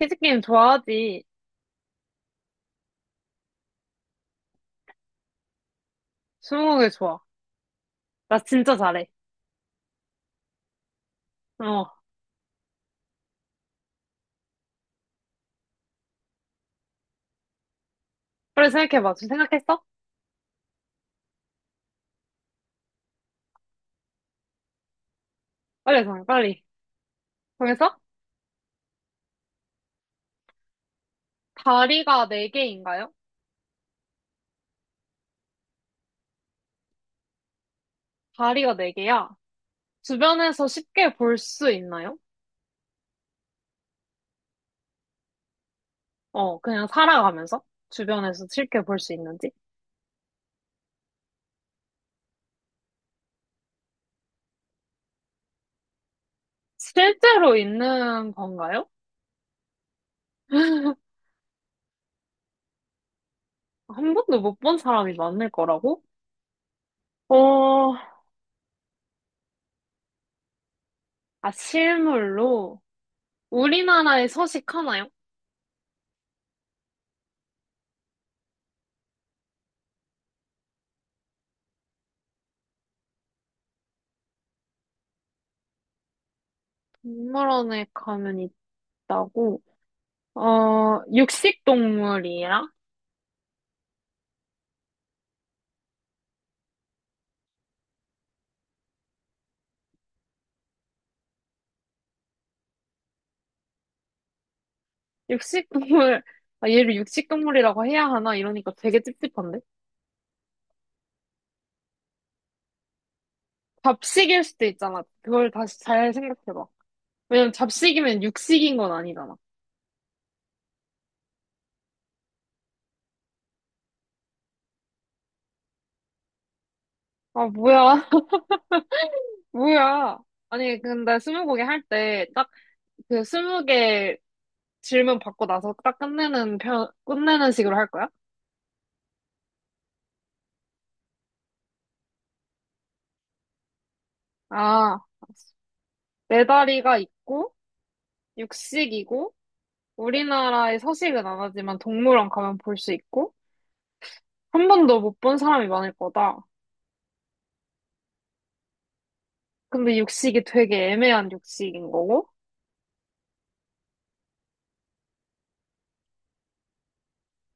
퀴즈게임 좋아하지. 스무고개 좋아. 나 진짜 잘해. 어. 빨리 생각해봐. 지금 생각했어? 빨리 정해, 빨리. 정해서? 다리가 네개인가요? 다리가 네개야. 주변에서 쉽게 볼 수 있나요? 어, 그냥 살아가면서? 주변에서 쉽게 볼 수 있는지? 실제로 있는 건가요? 한 번도 못 본 사람이 많을 거라고? 어, 아, 실물로. 우리나라에 서식하나요? 동물원에 가면 있다고? 어, 육식동물이야? 육식동물, 아, 얘를 육식동물이라고 해야 하나? 이러니까 되게 찝찝한데? 잡식일 수도 있잖아. 그걸 다시 잘 생각해봐. 왜냐면 잡식이면 육식인 건 아니잖아. 아, 뭐야. 뭐야. 아니, 근데 스무고개 할 때 딱 그 스무 개 질문 받고 나서 딱 끝내는 편, 끝내는 식으로 할 거야? 아, 알았어. 네 다리가 있고, 육식이고, 우리나라에 서식은 안 하지만 동물원 가면 볼 수 있고, 한 번도 못 본 사람이 많을 거다. 근데 육식이 되게 애매한 육식인 거고,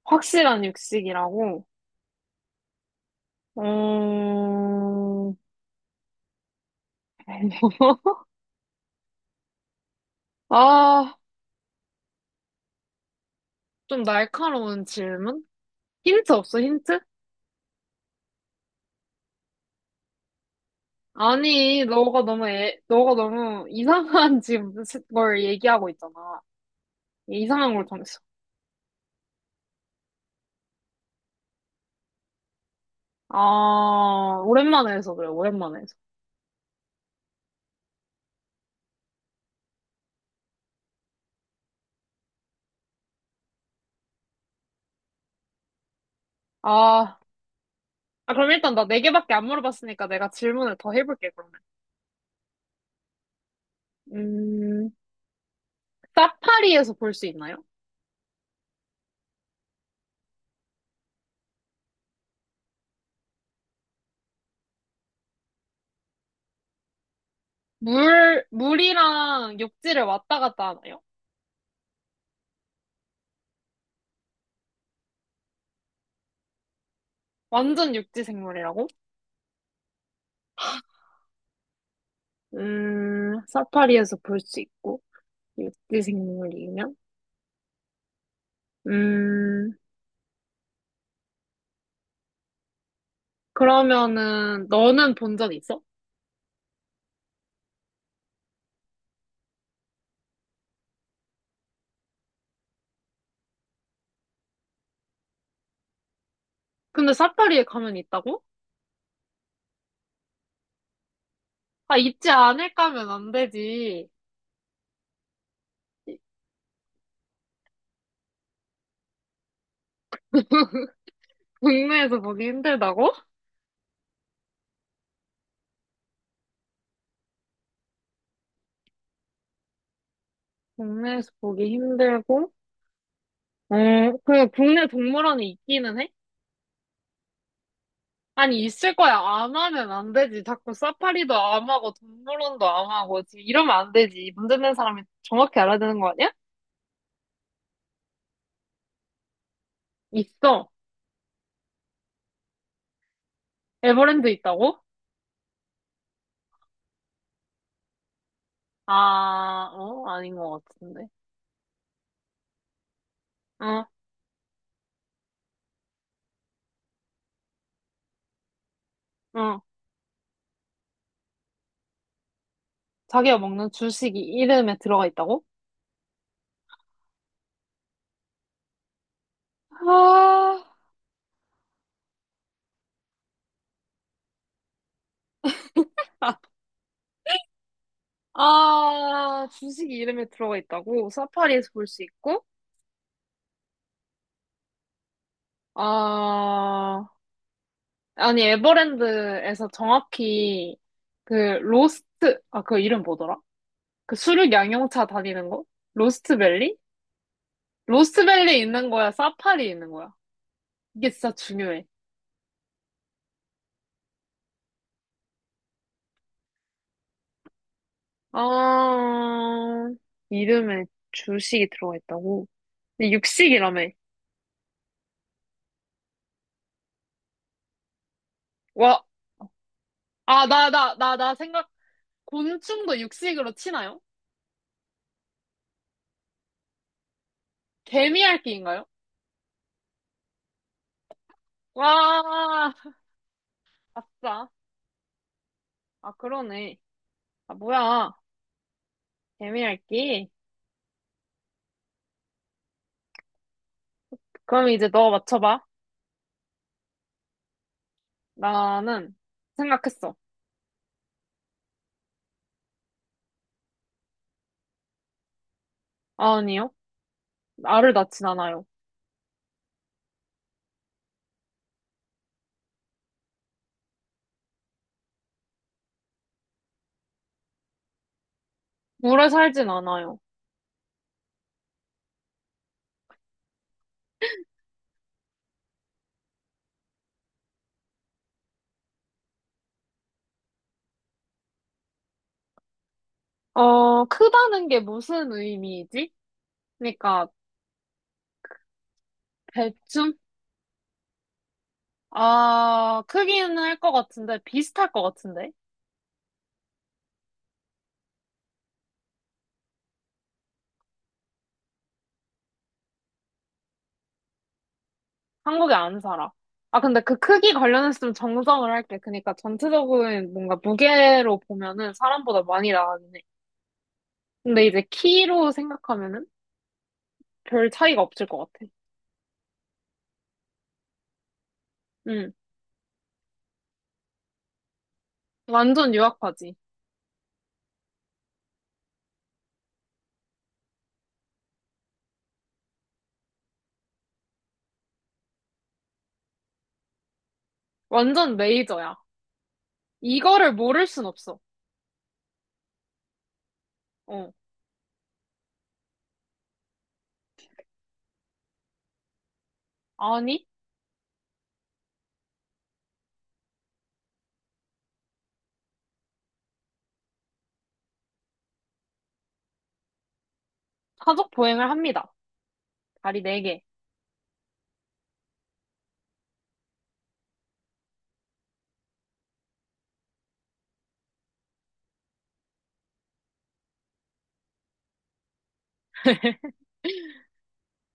확실한 육식이라고, 음, 아, 좀 날카로운 질문? 힌트 없어, 힌트? 아니, 너가 너무, 애, 너가 너무 이상한 지금 걸 얘기하고 있잖아. 이상한 걸 정했어. 아, 오랜만에 해서 그래, 오랜만에 해서. 아, 그럼 일단 나 네 개밖에 안 물어봤으니까 내가 질문을 더 해볼게, 그러면. 음, 사파리에서 볼 수 있나요? 물이랑 육지를 왔다 갔다 하나요? 완전 육지 생물이라고? 사파리에서 볼 수 있고, 육지 생물이면? 음, 그러면은, 너는 본 적 있어? 근데 사파리에 가면 있다고? 아, 있지 않을까면 안 되지. 국내에서 보기 힘들다고? 국내에서 보기 힘들고, 어, 그 국내 동물원에 있기는 해? 아니, 있을 거야. 안 하면 안 되지. 자꾸 사파리도 안 하고, 동물원도 안 하고, 지금 이러면 안 되지. 문제 낸 사람이 정확히 알아야 되는 거 아니야? 있어. 에버랜드 있다고? 아, 어? 아닌 것 같은데. 어. 어, 자기가 먹는 주식이 이름에 들어가 있다고? 아, 아, 주식이 이름에 들어가 있다고? 사파리에서 볼 수 있고? 아, 아니, 에버랜드에서 정확히 그 로스트, 아, 그 이름 뭐더라? 그 수륙 양용차 다니는 거? 로스트밸리? 로스트밸리 있는 거야? 사파리 있는 거야? 이게 진짜 중요해. 아, 이름에 주식이 들어가 있다고? 근데 육식이라며. 와, 아, 나 생각, 곤충도 육식으로 치나요? 개미핥기인가요? 와, 아싸. 아, 그러네. 아, 뭐야. 개미핥기. 그럼 이제 너 맞춰봐. 나는 생각했어. 아, 아니요. 알을 낳진 않아요. 물에 살진 않아요. 어, 크다는 게 무슨 의미이지? 그러니까 대충? 아, 크기는 할 것 같은데 비슷할 것 같은데? 한국에 안 살아. 아, 근데 그 크기 관련해서 좀 정정을 할게. 그러니까 전체적인 뭔가 무게로 보면은 사람보다 많이 나가긴 해. 근데 이제 키로 생각하면은 별 차이가 없을 것 같아. 응. 완전 유학파지. 완전 메이저야. 이거를 모를 순 없어. 어. 아니, 사족 보행을 합니다. 다리 네개.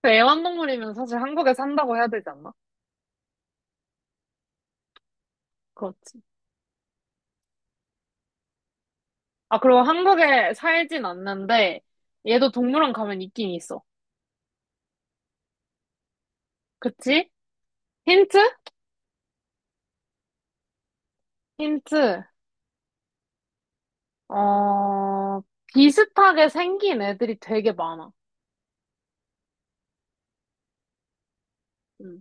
근데 애완동물이면 사실 한국에 산다고 해야 되지 않나? 그렇지. 아, 그리고 한국에 살진 않는데, 얘도 동물원 가면 있긴 있어. 그치? 힌트? 힌트. 어, 비슷하게 생긴 애들이 되게 많아. 응.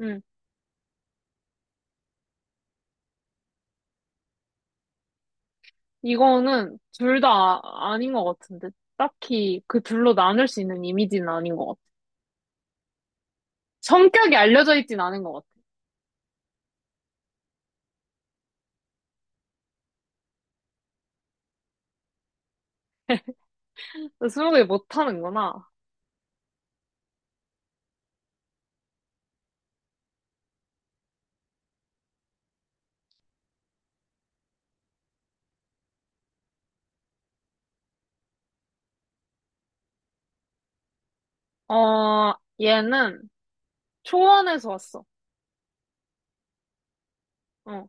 응. 이거는 둘 다 아닌 것 같은데. 딱히 그 둘로 나눌 수 있는 이미지는 아닌 것 같아. 성격이 알려져 있진 않은 것 같아. 스무 개 못하는구나. 어, 얘는 초원에서 왔어. 어.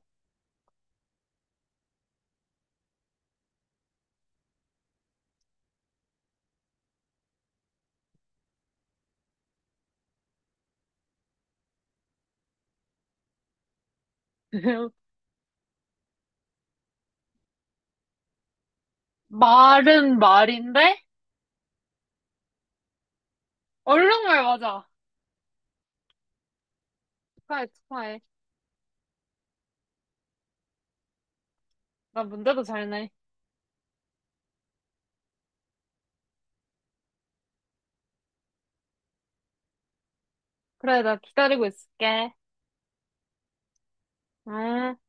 말은 말인데? 얼른말 맞아. 축하해, 축하해. 나 문제도 잘 내. 그래, 나 기다리고 있을게. 응.